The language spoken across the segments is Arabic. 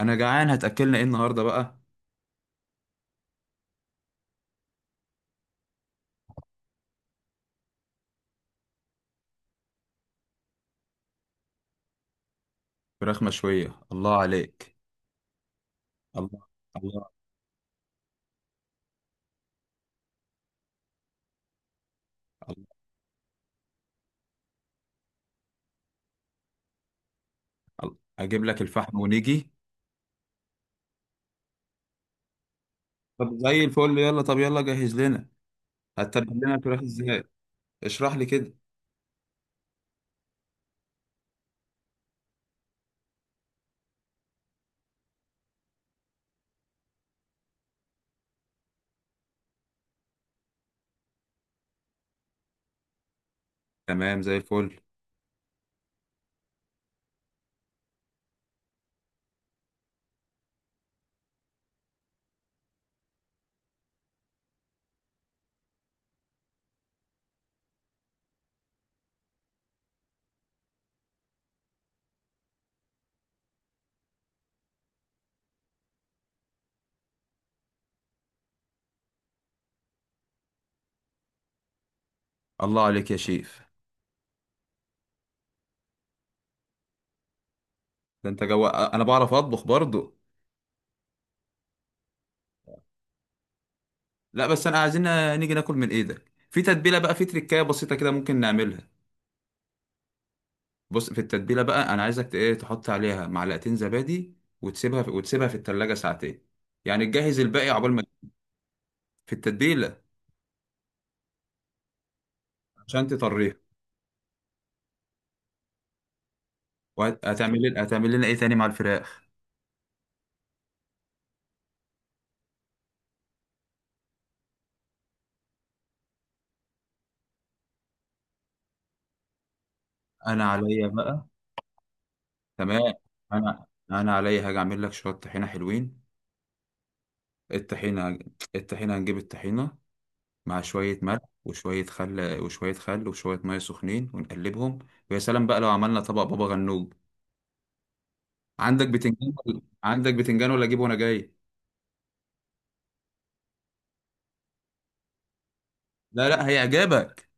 انا جعان هتاكلنا ايه النهارده بقى. فراخ مشويه، الله عليك. الله. الله. الله, الله. اجيب لك الفحم ونيجي. طب زي الفل، يلا طب يلا جهز لنا. هتتبل لنا الفراخ ازاي؟ اشرح لي كده. تمام زي الفل. الله عليك يا شيف. ده انت جو، انا بعرف اطبخ برضو. لا بس انا عايزين نيجي ناكل من ايدك. في تتبيله بقى، في تريكايه بسيطه كده ممكن نعملها. بص في التتبيله بقى، انا عايزك ايه، تحط عليها معلقتين زبادي وتسيبها في التلاجة ساعتين. يعني تجهز الباقي عقبال ما. في التتبيله، عشان تطريها. وهتعمل لنا، هتعمل لنا ايه تاني مع الفراخ؟ انا عليا بقى. تمام. انا. انا عليا هاجي اعمل لك شويه طحينه حلوين. الطحينه. الطحينه هنجيب الطحينه مع شويه ملح وشويه خل وشويه ميه سخنين ونقلبهم. ويا سلام بقى لو عملنا طبق بابا غنوج. عندك بتنجان عندك بتنجان، ولا اجيبه وانا جاي؟ لا لا هيعجبك.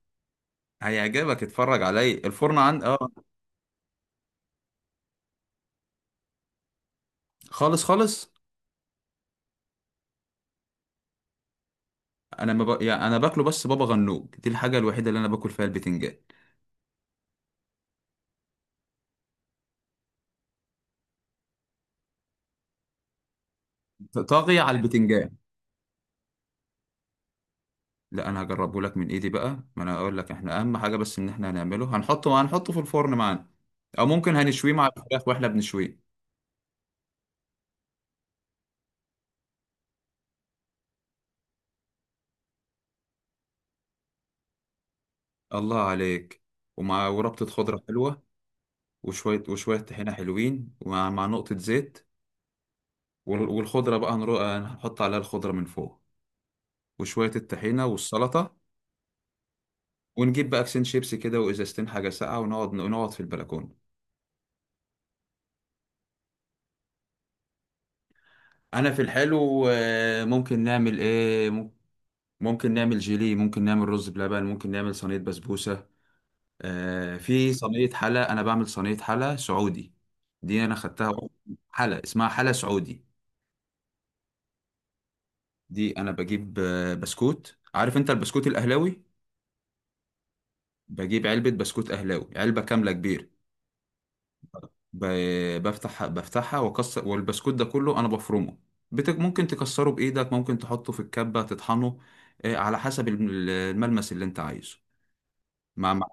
هيعجبك، اتفرج عليا الفرن عند اه. خالص خالص. انا ما ب... يعني انا باكله، بس بابا غنوج دي الحاجه الوحيده اللي انا باكل فيها البتنجان. طاغيه على البتنجان. لا انا هجربه لك من ايدي بقى، ما انا اقول لك احنا اهم حاجه بس ان احنا هنعمله هنحطه هنحطه في الفرن معانا. او ممكن هنشويه مع الفراخ واحنا بنشويه. الله عليك. ومع وربطه خضره حلوه. وشويه طحينه حلوين، ومع نقطه زيت. والخضره بقى هنحط عليها الخضره من فوق. وشويه الطحينه والسلطه. ونجيب بقى كيسين شيبسي كده وازازتين حاجه ساقعه، ونقعد في البلكونه. انا في الحلو ممكن نعمل ايه؟ ممكن نعمل جيلي، ممكن نعمل رز بلبن، ممكن نعمل صينية بسبوسة. في صينية حلا، انا بعمل صينية حلا سعودي. دي انا خدتها. حلا اسمها حلا سعودي. دي انا بجيب بسكوت. عارف انت البسكوت الاهلاوي؟ بجيب علبة بسكوت اهلاوي، علبة كاملة كبيرة. بفتحها واكسر، والبسكوت ده كله انا بفرمه. بتك ممكن تكسره بايدك، ممكن تحطه في الكبة تطحنه، على حسب الملمس اللي انت عايزه. مع مع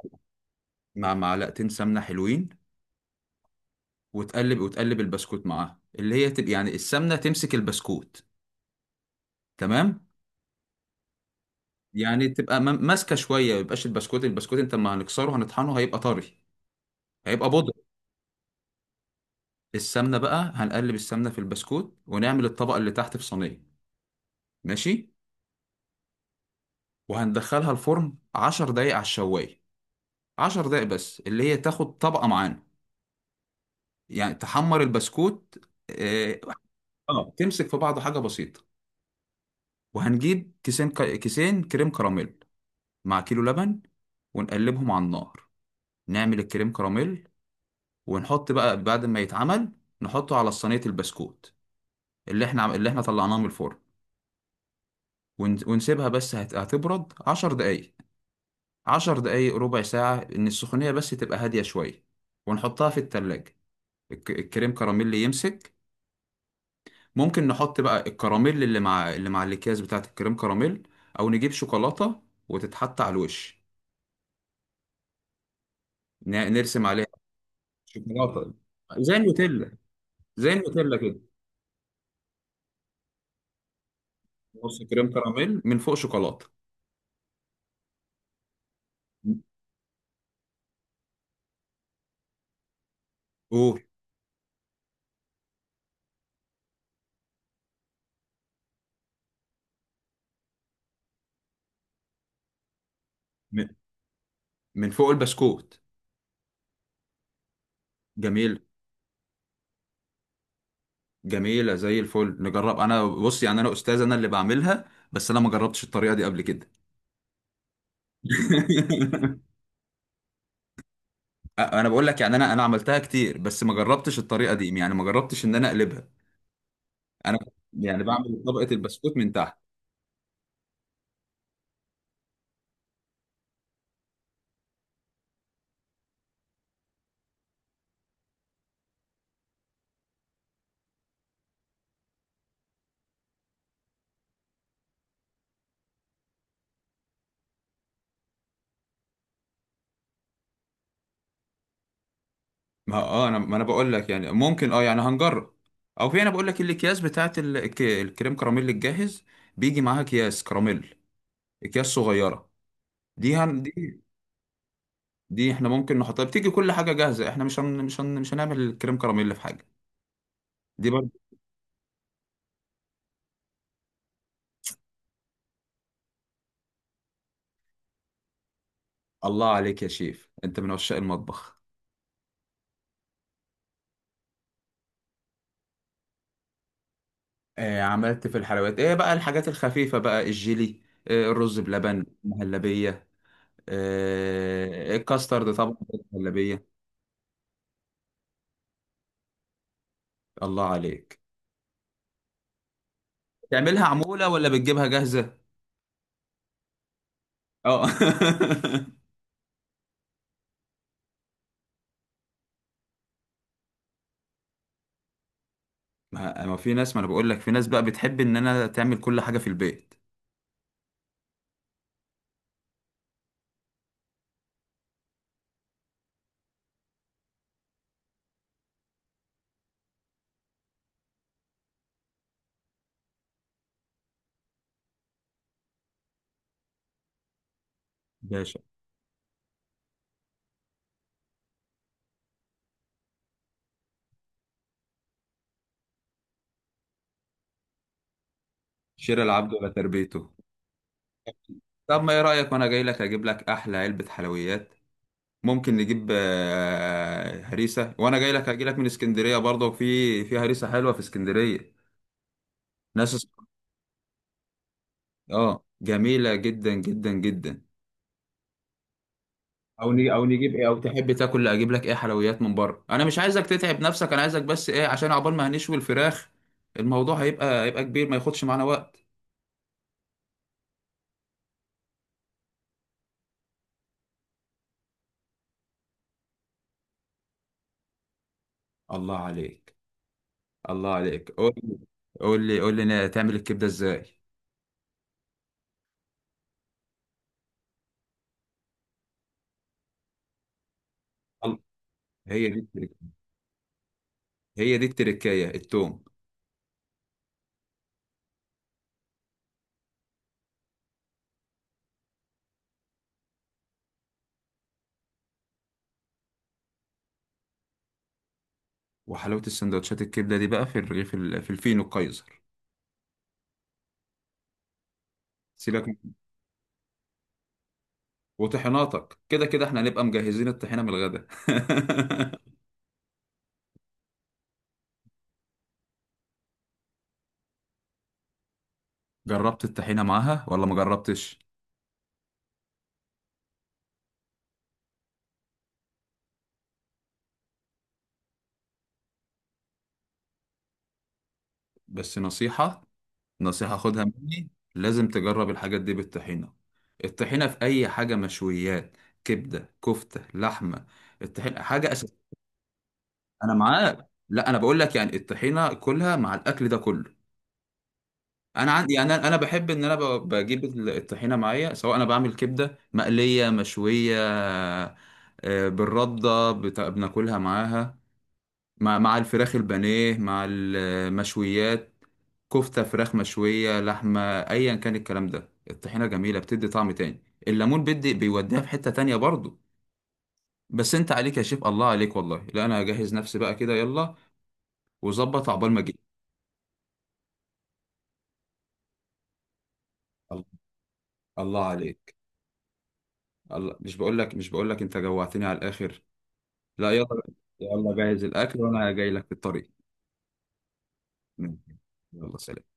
مع معلقتين سمنة حلوين. وتقلب البسكوت معاها، اللي هي تبقى يعني السمنة تمسك البسكوت. تمام. يعني تبقى ماسكة شوية. ما يبقاش البسكوت، البسكوت انت ما هنكسره، هنطحنه هيبقى طري، هيبقى بودر. السمنة بقى هنقلب السمنة في البسكوت، ونعمل الطبقة اللي تحت في صينية. ماشي. وهندخلها الفرن 10 دقايق على الشواية. 10 دقايق بس، اللي هي تاخد طبقة معانا. يعني تحمر البسكوت. اه، تمسك في بعضه، حاجة بسيطة. وهنجيب كيسين كيسين كريم كراميل مع كيلو لبن، ونقلبهم على النار. نعمل الكريم كراميل، ونحط بقى بعد ما يتعمل، نحطه على صينية البسكوت اللي احنا طلعناه من الفرن. ونسيبها بس هتبرد عشر دقايق. عشر دقايق ربع ساعة، إن السخونية بس تبقى هادية شوية. ونحطها في التلاجة، الكريم كراميل اللي يمسك. ممكن نحط بقى الكراميل اللي مع الأكياس بتاعة الكريم كراميل، أو نجيب شوكولاتة وتتحط على الوش. نرسم عليها شوكولاتة، زي النوتيلا، زي النوتيلا كده. نص كريم كراميل، من فوق شوكولاته. اوه. م- من فوق البسكوت. جميل. جميله زي الفل، نجرب. انا بص يعني انا استاذ، انا اللي بعملها، بس انا ما جربتش الطريقه دي قبل كده. انا بقول لك يعني انا عملتها كتير، بس ما جربتش الطريقه دي، يعني ما جربتش ان انا اقلبها. انا يعني بعمل طبقه البسكوت من تحت. ما اه انا ما انا بقول لك يعني ممكن اه، يعني هنجرب. او في، انا بقول لك الاكياس بتاعت الكريم كراميل الجاهز، بيجي معاها اكياس كراميل، اكياس صغيره. دي، دي احنا ممكن نحطها، بتيجي كل حاجه جاهزه، احنا مش هنعمل الكريم كراميل في حاجه. دي برضه. الله عليك يا شيف، انت من عشاق المطبخ. آه، عملت في الحلويات، ايه بقى الحاجات الخفيفه؟ بقى الجيلي، آه، الرز بلبن، المهلبيه، آه، الكاسترد طبعا، المهلبيه. الله عليك. تعملها عموله ولا بتجيبها جاهزه؟ اه. ما في ناس، ما انا بقول لك في ناس بقى بتحب ان انا تعمل كل حاجه في البيت. باشا، شراء العبد ولا تربيته. طب ما ايه رأيك وانا جاي لك اجيب لك احلى علبة حلويات. ممكن نجيب هريسة، وانا جاي لك هجي لك من اسكندرية، برضه في في هريسة حلوة في اسكندرية. ناس اس- اه جميلة جدا جدا جدا. او نجيب ايه، او تحب تاكل اجيب لك ايه حلويات من بره؟ انا مش عايزك تتعب نفسك، انا عايزك بس ايه عشان عقبال ما هنشوي الفراخ. الموضوع هيبقى كبير، ما ياخدش معانا وقت. الله عليك. الله عليك، قول لي. قول لي تعمل الكبدة ازاي. الله، هي دي. هي دي التركاية، التوم. وحلاوة السندوتشات الكبدة دي بقى في الرغيف، في في الفينو القيصر. سيبك من- وطحيناتك كده كده، احنا هنبقى مجهزين الطحينة من الغدا. جربت الطحينة معاها ولا ما جربتش؟ بس نصيحة، نصيحة خدها مني: لازم تجرب الحاجات دي بالطحينة. الطحينة في أي حاجة، مشويات، كبدة، كفتة، لحمة، الطحينة حاجة أساسية. أنا معاك، لا أنا بقول لك يعني الطحينة كلها مع الأكل ده كله. انا عندي، يعني انا بحب ان انا بجيب الطحينه معايا، سواء انا بعمل كبده مقليه مشويه، بالرده بناكلها معاها، مع الفراخ البانيه، مع المشويات، كفته، فراخ مشويه، لحمه، ايا كان الكلام ده، الطحينه جميله، بتدي طعم تاني. الليمون بيدي بيوديها في حته تانية برضو. بس انت عليك يا شيف، الله عليك والله. لا انا هجهز نفسي بقى كده، يلا. وظبط عقبال ما اجي. الله. الله عليك. الله، مش بقول لك انت جوعتني على الاخر؟ لا يلا. يلا جهز الأكل وأنا جاي لك في الطريق. ماشي. يلا سلام.